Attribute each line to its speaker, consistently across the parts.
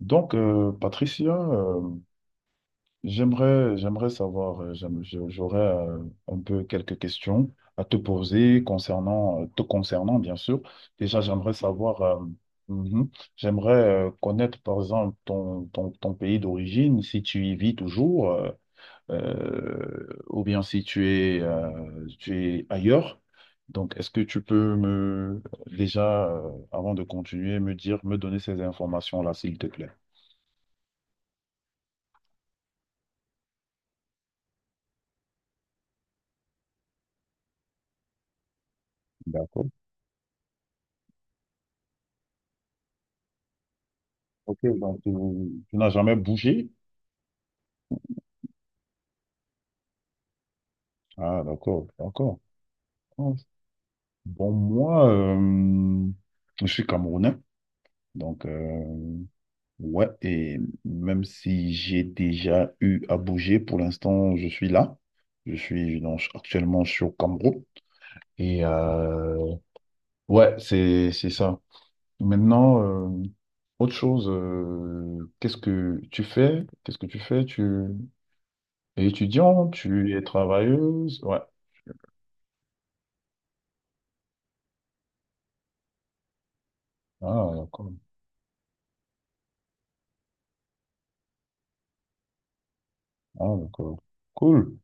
Speaker 1: Patricia, j'aimerais savoir, j'aurais un peu quelques questions à te poser concernant, te concernant, bien sûr. Déjà, j'aimerais savoir, mhm, j'aimerais connaître, par exemple, ton pays d'origine, si tu y vis toujours, ou bien si tu es, tu es ailleurs. Donc, est-ce que tu peux me, déjà, avant de continuer, me dire, me donner ces informations-là, s'il te plaît? D'accord. Ok, donc tu n'as jamais bougé? Ah, d'accord, d'accord. Oh, bon, moi, je suis Camerounais, donc ouais, et même si j'ai déjà eu à bouger, pour l'instant, je suis là. Je suis donc actuellement je suis au Cameroun. Et ouais, c'est ça. Maintenant, euh, autre chose, qu'est-ce que tu fais? Qu'est-ce que tu fais? Tu es étudiant? Tu es travailleuse? Ouais. Ah, d'accord. Ah, d'accord. Cool.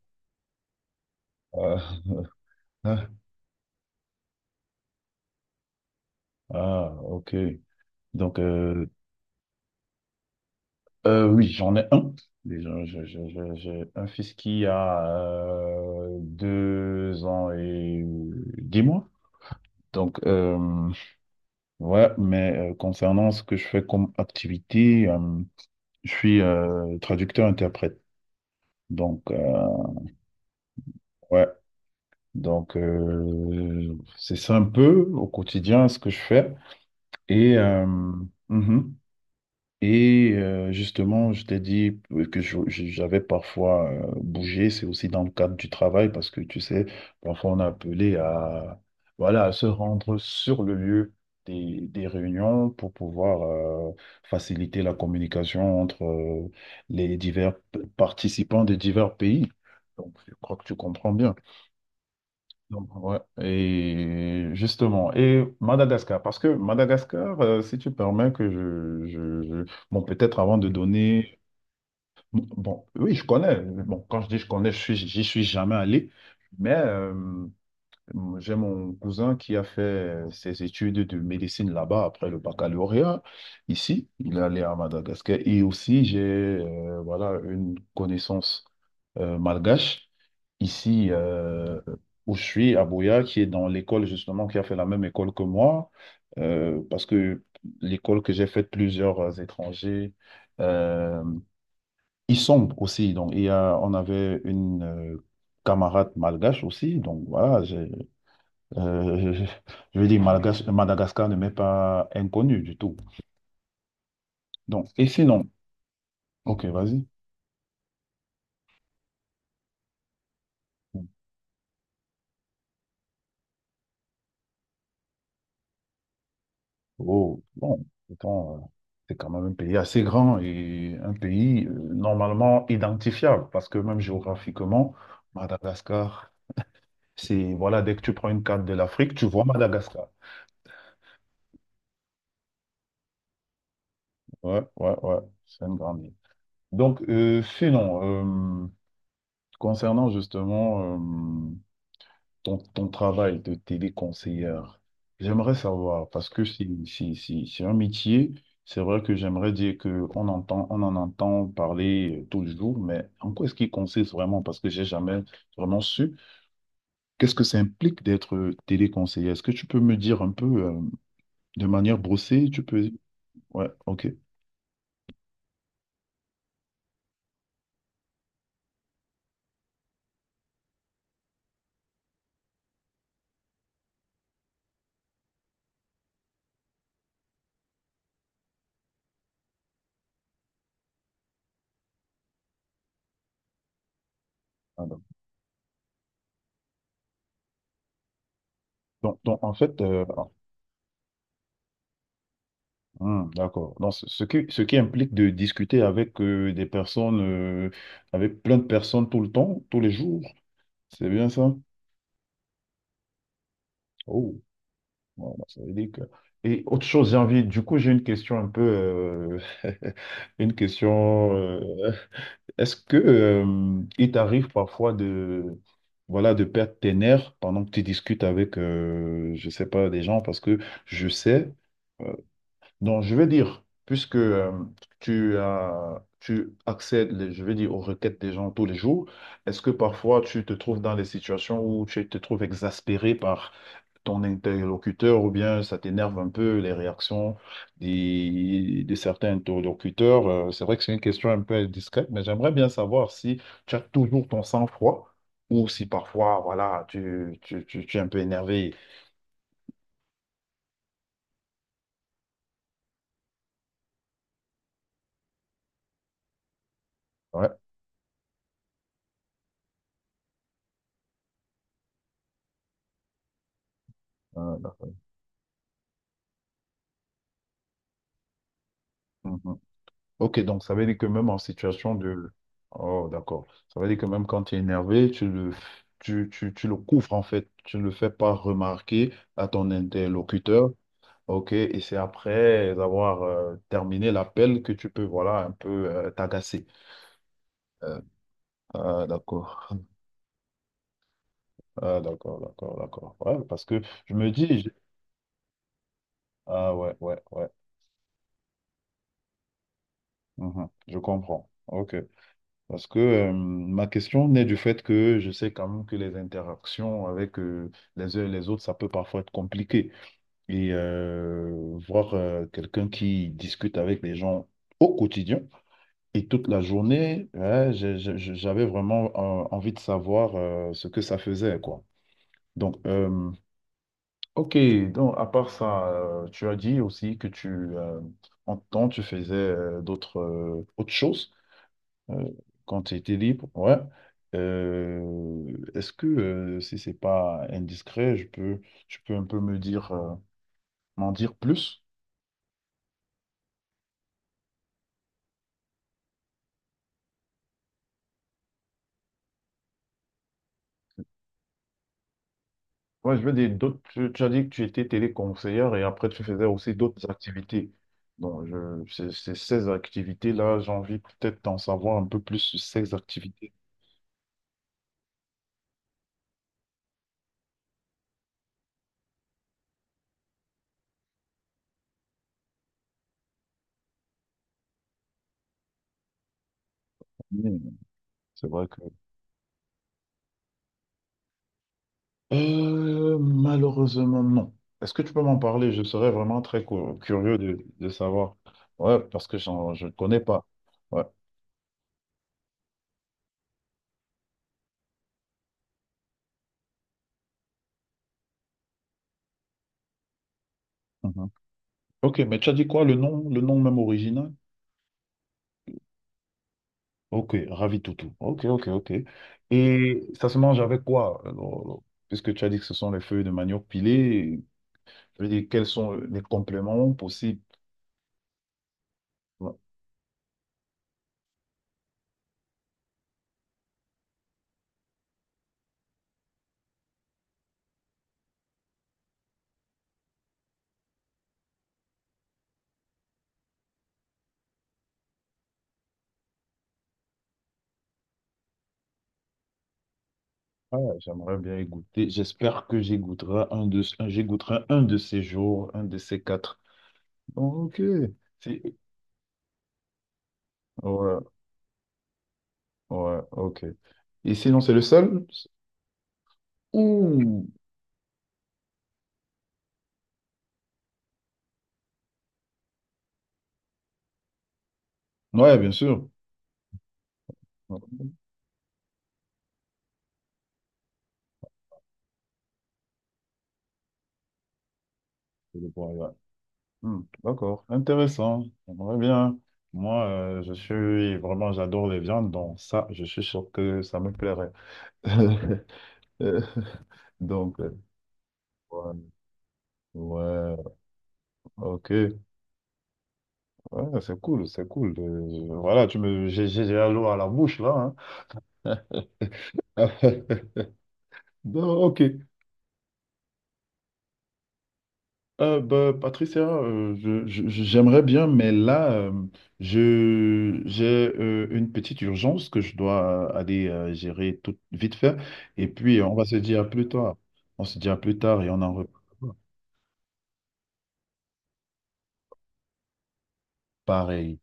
Speaker 1: Euh, ah, ah, ok. Donc, euh, oui, j'en ai un. Déjà, j'ai un fils qui a deux ans et dix mois. Donc, ouais, mais concernant ce que je fais comme activité, je suis traducteur-interprète. Donc, ouais, donc c'est ça un peu au quotidien ce que je fais. Et mhm. Et justement, je t'ai dit que j'avais parfois bougé, c'est aussi dans le cadre du travail, parce que tu sais, parfois on est appelé à, voilà, à se rendre sur le lieu des réunions pour pouvoir faciliter la communication entre les divers participants des divers pays. Donc, je crois que tu comprends bien. Donc, ouais. Et justement, et Madagascar, parce que Madagascar, si tu permets que bon, peut-être avant de donner, bon, oui, je connais. Bon, quand je dis je connais, j'y suis jamais allé, mais j'ai mon cousin qui a fait ses études de médecine là-bas après le baccalauréat. Ici, il est allé à Madagascar. Et aussi, j'ai, voilà, une connaissance malgache, ici où je suis, à Boya, qui est dans l'école justement, qui a fait la même école que moi, parce que l'école que j'ai faite, plusieurs étrangers, euh, ils sont aussi. Donc, il y a, on avait une camarade malgache aussi. Donc, voilà, j'ai, euh, je je veux dire, malgache, Madagascar ne m'est pas inconnu du tout. Donc, et sinon, ok, vas-y. Oh, bon, pourtant, c'est quand même un pays assez grand et un pays normalement identifiable parce que même géographiquement, Madagascar, c'est, voilà, dès que tu prends une carte de l'Afrique, tu vois Madagascar. Ouais, ouais, ouais, c'est une grande île. Donc, concernant justement euh, ton travail de téléconseillère, j'aimerais savoir, parce que c'est un métier, c'est vrai que j'aimerais dire qu'on entend, on en entend parler tout le jour, mais en quoi est-ce qu'il consiste vraiment? Parce que j'ai jamais vraiment su. Qu'est-ce que ça implique d'être téléconseiller? Est-ce que tu peux me dire un peu de manière brossée, tu peux... Ouais, ok. Ah, d'accord. Donc, en fait, d'accord. Donc, ce qui implique de discuter avec des personnes avec plein de personnes tout le temps, tous les jours, c'est bien ça? Oh, voilà, ça veut dire que... Et autre chose, j'ai envie, du coup, j'ai une question un peu, une question, est-ce que il t'arrive parfois de, voilà, de perdre tes nerfs pendant que tu discutes avec, je sais pas, des gens, parce que je sais, euh, donc je veux dire, puisque tu as, tu accèdes, je veux dire, aux requêtes des gens tous les jours, est-ce que parfois tu te trouves dans des situations où tu te trouves exaspéré par ton interlocuteur ou bien ça t'énerve un peu les réactions de certains interlocuteurs. C'est vrai que c'est une question un peu discrète, mais j'aimerais bien savoir si tu as toujours ton sang-froid ou si parfois, voilà, tu es un peu énervé. Ouais. euh, mhm. Ok, donc ça veut dire que même en situation de... Oh, d'accord. Ça veut dire que même quand tu es énervé, tu le... tu le couvres en fait, tu ne le fais pas remarquer à ton interlocuteur. Ok, et c'est après avoir terminé l'appel que tu peux, voilà, un peu t'agacer. Euh, ah, d'accord. Ah, d'accord, d'accord, d'accord. Ouais, parce que je me dis, je- ah ouais, ouais, ouais. Mhm, je comprends. Ok. Parce que ma question naît du fait que je sais quand même que les interactions avec les uns et les autres, ça peut parfois être compliqué. Et voir quelqu'un qui discute avec les gens au quotidien. Et toute la journée, ouais, j'avais vraiment envie de savoir ce que ça faisait, quoi. Donc, ok, donc à part ça, tu as dit aussi que euh, en temps, tu faisais d'autres autres choses euh, quand tu étais libre, ouais. Euh, est-ce que, si c'est pas indiscret, je peux, tu peux un peu me dire, m'en dire plus? Moi, je veux dire, d'autres, tu as dit que tu étais téléconseillère et après, tu faisais aussi d'autres activités. Donc, ces activités-là, j'ai envie peut-être d'en savoir un peu plus sur ces activités. C'est vrai que malheureusement, non. Est-ce que tu peux m'en parler? Je serais vraiment très curieux de savoir. Ouais, parce que je ne connais pas. Ouais. Mhm. Ok, mais tu as dit quoi, le nom même original? Ok, Ravi Toutou. Ok, ok, ok. Et ça se mange avec quoi? Alors, puisque tu as dit que ce sont les feuilles de manioc pilées, je veux dire, quels sont les compléments possibles? Ah, j'aimerais bien y goûter. J'espère que j'y goûterai j'y goûterai un de ces jours, un de ces quatre. Ok. c'est Ouais, ouais, ok. Et sinon, c'est le seul? Ouh. Ouais, bien sûr. C'est le point, ouais. Hmm, d'accord, intéressant. J'aimerais bien. Moi, je suis vraiment, j'adore les viandes, donc ça, je suis sûr que ça me plairait. Euh, Donc, euh, ouais. Ouais, ok. Ouais, c'est cool, c'est cool. Voilà, tu me, j'ai déjà l'eau à la bouche là. Hein. Bon, ok. Bah, Patricia, j'aimerais bien, mais là, j'ai une petite urgence que je dois aller gérer tout vite fait. Et puis, on va se dire à plus tard. On se dit à plus tard et on en reparle. Pareil.